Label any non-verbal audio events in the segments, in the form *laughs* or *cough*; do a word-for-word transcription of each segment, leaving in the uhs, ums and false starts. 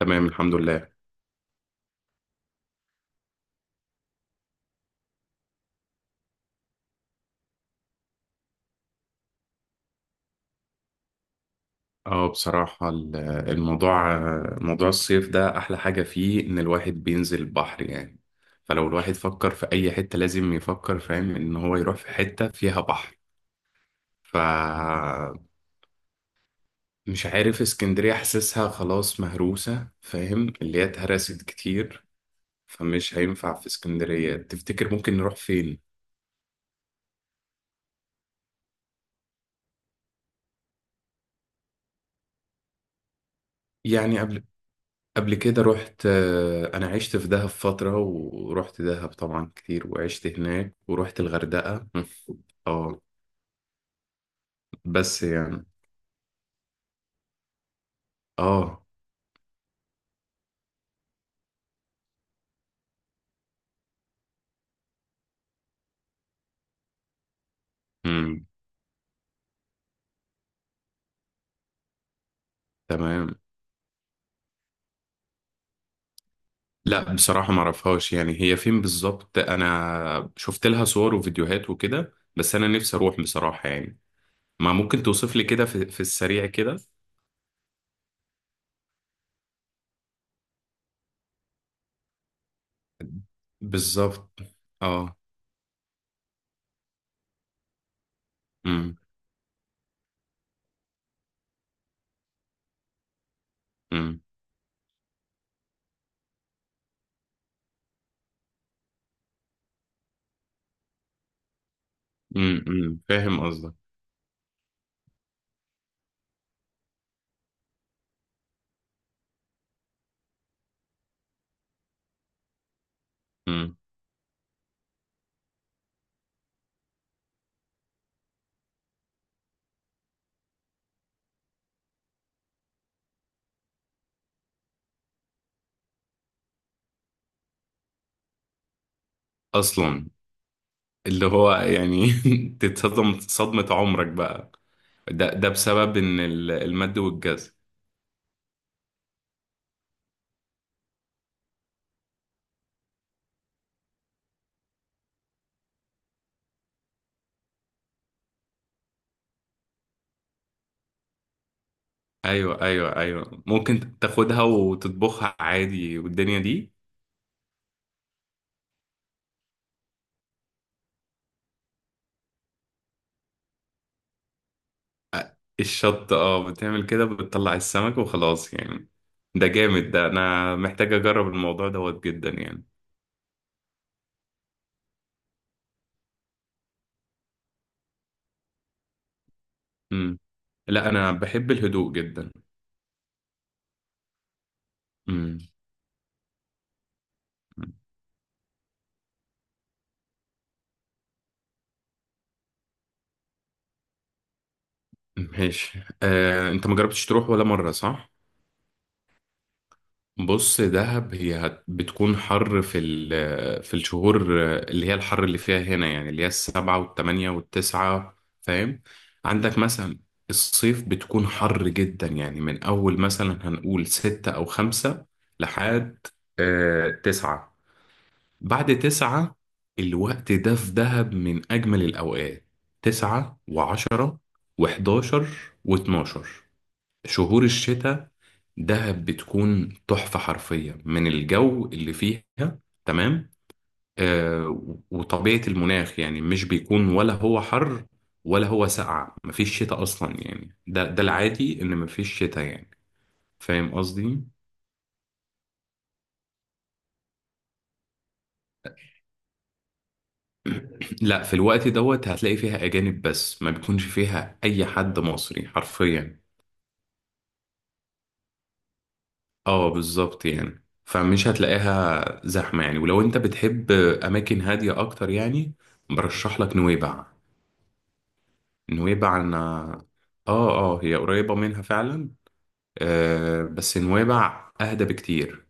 تمام، الحمد لله. اه، بصراحة ال- الموضوع، موضوع الصيف ده أحلى حاجة فيه إن الواحد بينزل البحر يعني. فلو الواحد فكر في أي حتة لازم يفكر، فاهم إن هو يروح في حتة فيها بحر. فمش عارف، اسكندرية حاسسها خلاص مهروسة، فاهم، اللي هي اتهرست كتير. فمش هينفع في اسكندرية. تفتكر ممكن نروح فين؟ يعني قبل كده رحت آه، انا عشت في دهب فترة، ورحت دهب طبعا كتير، وعشت هناك، ورحت الغردقة مم. اه، بس يعني، اه امم تمام. لا، بصراحة ما اعرفهاش يعني، هي فين بالظبط؟ انا شفت لها صور وفيديوهات وكده، بس انا نفسي اروح بصراحة يعني. ما ممكن توصف لي كده في, في السريع كده؟ بالظبط، اه، امم امم امم أمم. فاهم قصدك. امم اصلا، اللي هو يعني، *laughs* تتصدم صدمة عمرك بقى. ده ده بسبب ان ال- المد والجزر. ايوه، ايوه، ايوه، ممكن تاخدها وتطبخها عادي والدنيا دي. أ- الشط، اه بتعمل كده بتطلع السمك وخلاص يعني. ده جامد، ده انا محتاج اجرب الموضوع دوت جدا يعني. امم لا، انا بحب الهدوء جدا. امم ماشي. آه، انت ما جربتش تروح ولا مرة صح؟ بص، دهب هي هت- بتكون حر في ال- في الشهور اللي هي الحر اللي فيها هنا يعني، اللي هي السبعة والتمانية والتسعة، فاهم. عندك مثلا، الصيف بتكون حر جدا يعني، من أول مثلا هنقول ستة أو خمسة لحد آه تسعة. بعد تسعة، الوقت ده في دهب من أجمل الأوقات. تسعة وعشرة وحداشر واتناشر، شهور الشتاء، دهب بتكون تحفة حرفية من الجو اللي فيها. تمام. آه وطبيعة المناخ يعني، مش بيكون ولا هو حر ولا هو ساقع، مفيش شتاء أصلا يعني. ده ده العادي إن مفيش شتاء يعني. فاهم قصدي؟ لا، في الوقت دوت هتلاقي فيها أجانب، بس ما بيكونش فيها أي حد مصري حرفيا. اه بالظبط يعني، فمش هتلاقيها زحمة يعني، ولو انت بتحب أماكن هادية أكتر يعني، برشح لك نويبع. نويبع أنا آه آه هي قريبة منها فعلا. آه بس نويبع أهدى بكتير.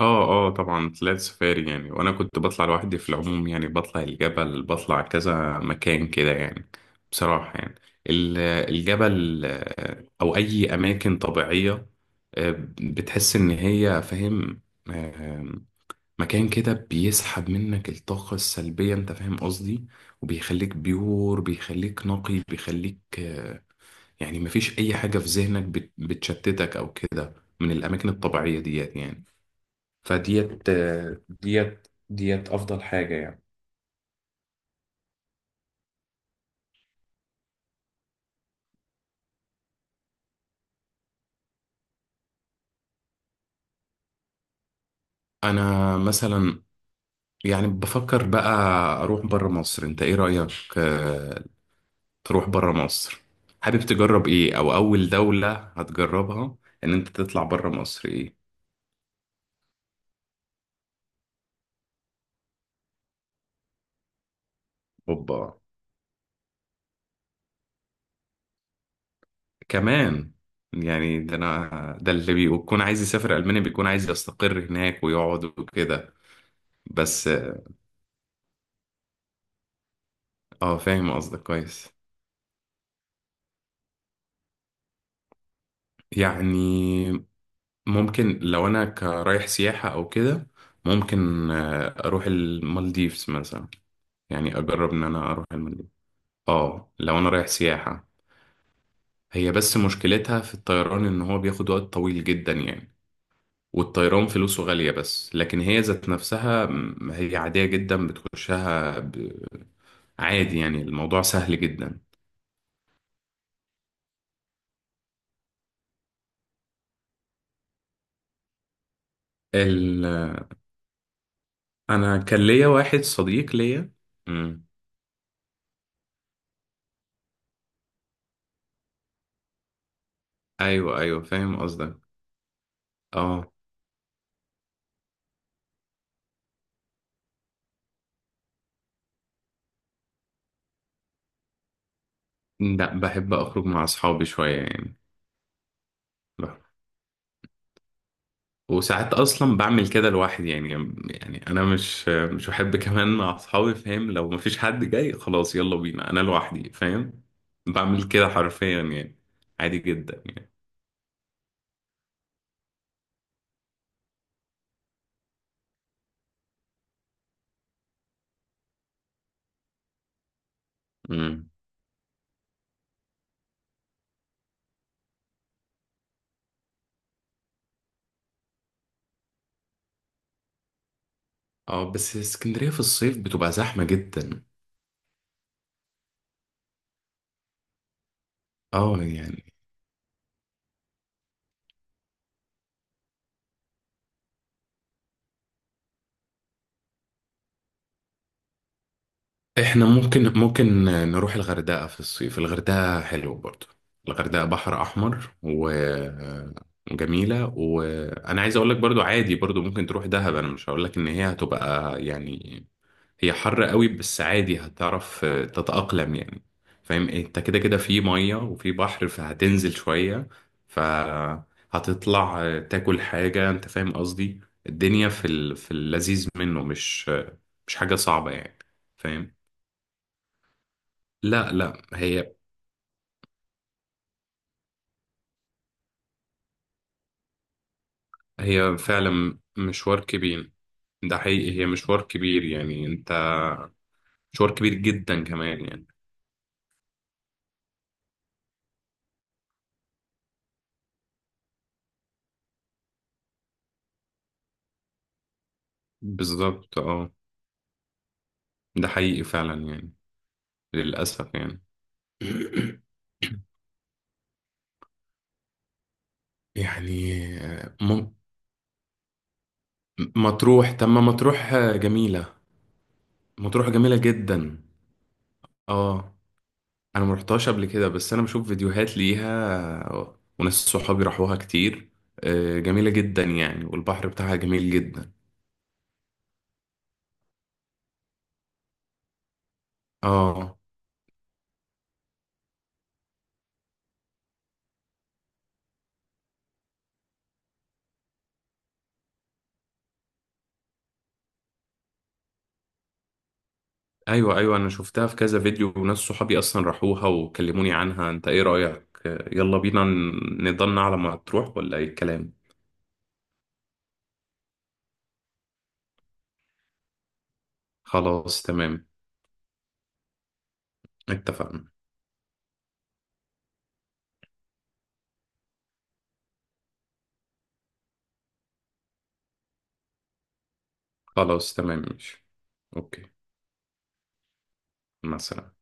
آه آه طبعا طلعت سفاري يعني، وأنا كنت بطلع لوحدي في العموم يعني. بطلع الجبل، بطلع كذا مكان كده يعني. بصراحة يعني، ال- الجبل، آه، أو أي أماكن طبيعية، آه، بتحس إن هي فاهم، آه، مكان كده بيسحب منك الطاقة السلبية. أنت فاهم قصدي؟ وبيخليك بيور، بيخليك نقي، بيخليك، آه، يعني مفيش أي حاجة في ذهنك بت- بتشتتك أو كده، من الأماكن الطبيعية ديت يعني. فديت آه، ديت ديت أفضل حاجة يعني. أنا مثلا يعني بفكر بقى أروح برا مصر. أنت إيه رأيك؟ آه، تروح برا مصر؟ حابب تجرب إيه، أو أول دولة هتجربها إن أنت تطلع برا مصر إيه؟ أوبا، كمان يعني، ده انا ده اللي بيكون عايز يسافر المانيا بيكون عايز يستقر هناك ويقعد وكده. بس اه فاهم قصدك كويس. يعني ممكن لو انا كرايح سياحة او كده، ممكن آه، اروح المالديفز مثلا. يعني اجرب ان انا اروح المالديفز. اه، لو انا رايح سياحة، هي بس مشكلتها في الطيران ان هو بياخد وقت طويل جدا يعني. والطيران فلوسه غالية، بس لكن هي ذات نفسها، م، هي عادية جدا، بتخشها ب- عادي يعني، الموضوع سهل جدا. ال... انا كان ليا واحد صديق ليا. مم. ايوه، ايوه، فاهم قصدك. اه، لا، بحب اخرج مع اصحابي شويه يعني. بح- وساعات اصلا بعمل كده لوحدي يعني. يعني انا مش مش بحب كمان مع اصحابي، فاهم، لو مفيش حد جاي خلاص يلا بينا انا لوحدي، فاهم. بعمل كده حرفيا يعني، عادي جدا يعني. امم اه، بس اسكندريه في الصيف بتبقى زحمه جدا. اه يعني، احنا ممكن ممكن نروح الغردقة في الصيف. الغردقة حلو برضو. الغردقة بحر احمر وجميلة، وانا عايز اقول لك برضو، عادي برضو ممكن تروح دهب. انا مش هقول لك ان هي هتبقى يعني، هي حر قوي، بس عادي هتعرف تتأقلم يعني. فاهم إيه؟ انت كده كده في مية وفي بحر، فهتنزل شوية، فهتطلع تاكل حاجة، انت فاهم قصدي. الدنيا في ال- في اللذيذ منه، مش مش حاجة صعبة يعني، فاهم. لا، لا، هي هي فعلا مشوار كبير. ده حقيقي، هي مشوار كبير يعني، انت، مشوار كبير جدا كمان يعني. بالظبط، اه، ده حقيقي فعلا يعني، للأسف يعني. *coughs* *clears throat* يعني م- مطروح. طب، ما مطروح جميلة. مطروح جميلة جدا. اه، انا مروحتهاش قبل كده، بس انا بشوف فيديوهات ليها، وناس صحابي راحوها كتير. آه، جميلة جدا يعني، والبحر بتاعها جميل جدا. اه، ايوه، ايوه، انا شفتها في كذا فيديو، وناس صحابي اصلا راحوها وكلموني عنها. انت ايه رأيك؟ يلا بينا ن- نضلنا على ما تروح، ولا ايه الكلام؟ خلاص، تمام، اتفقنا. خلاص، تمام، ماشي، اوكي. مع السلامة.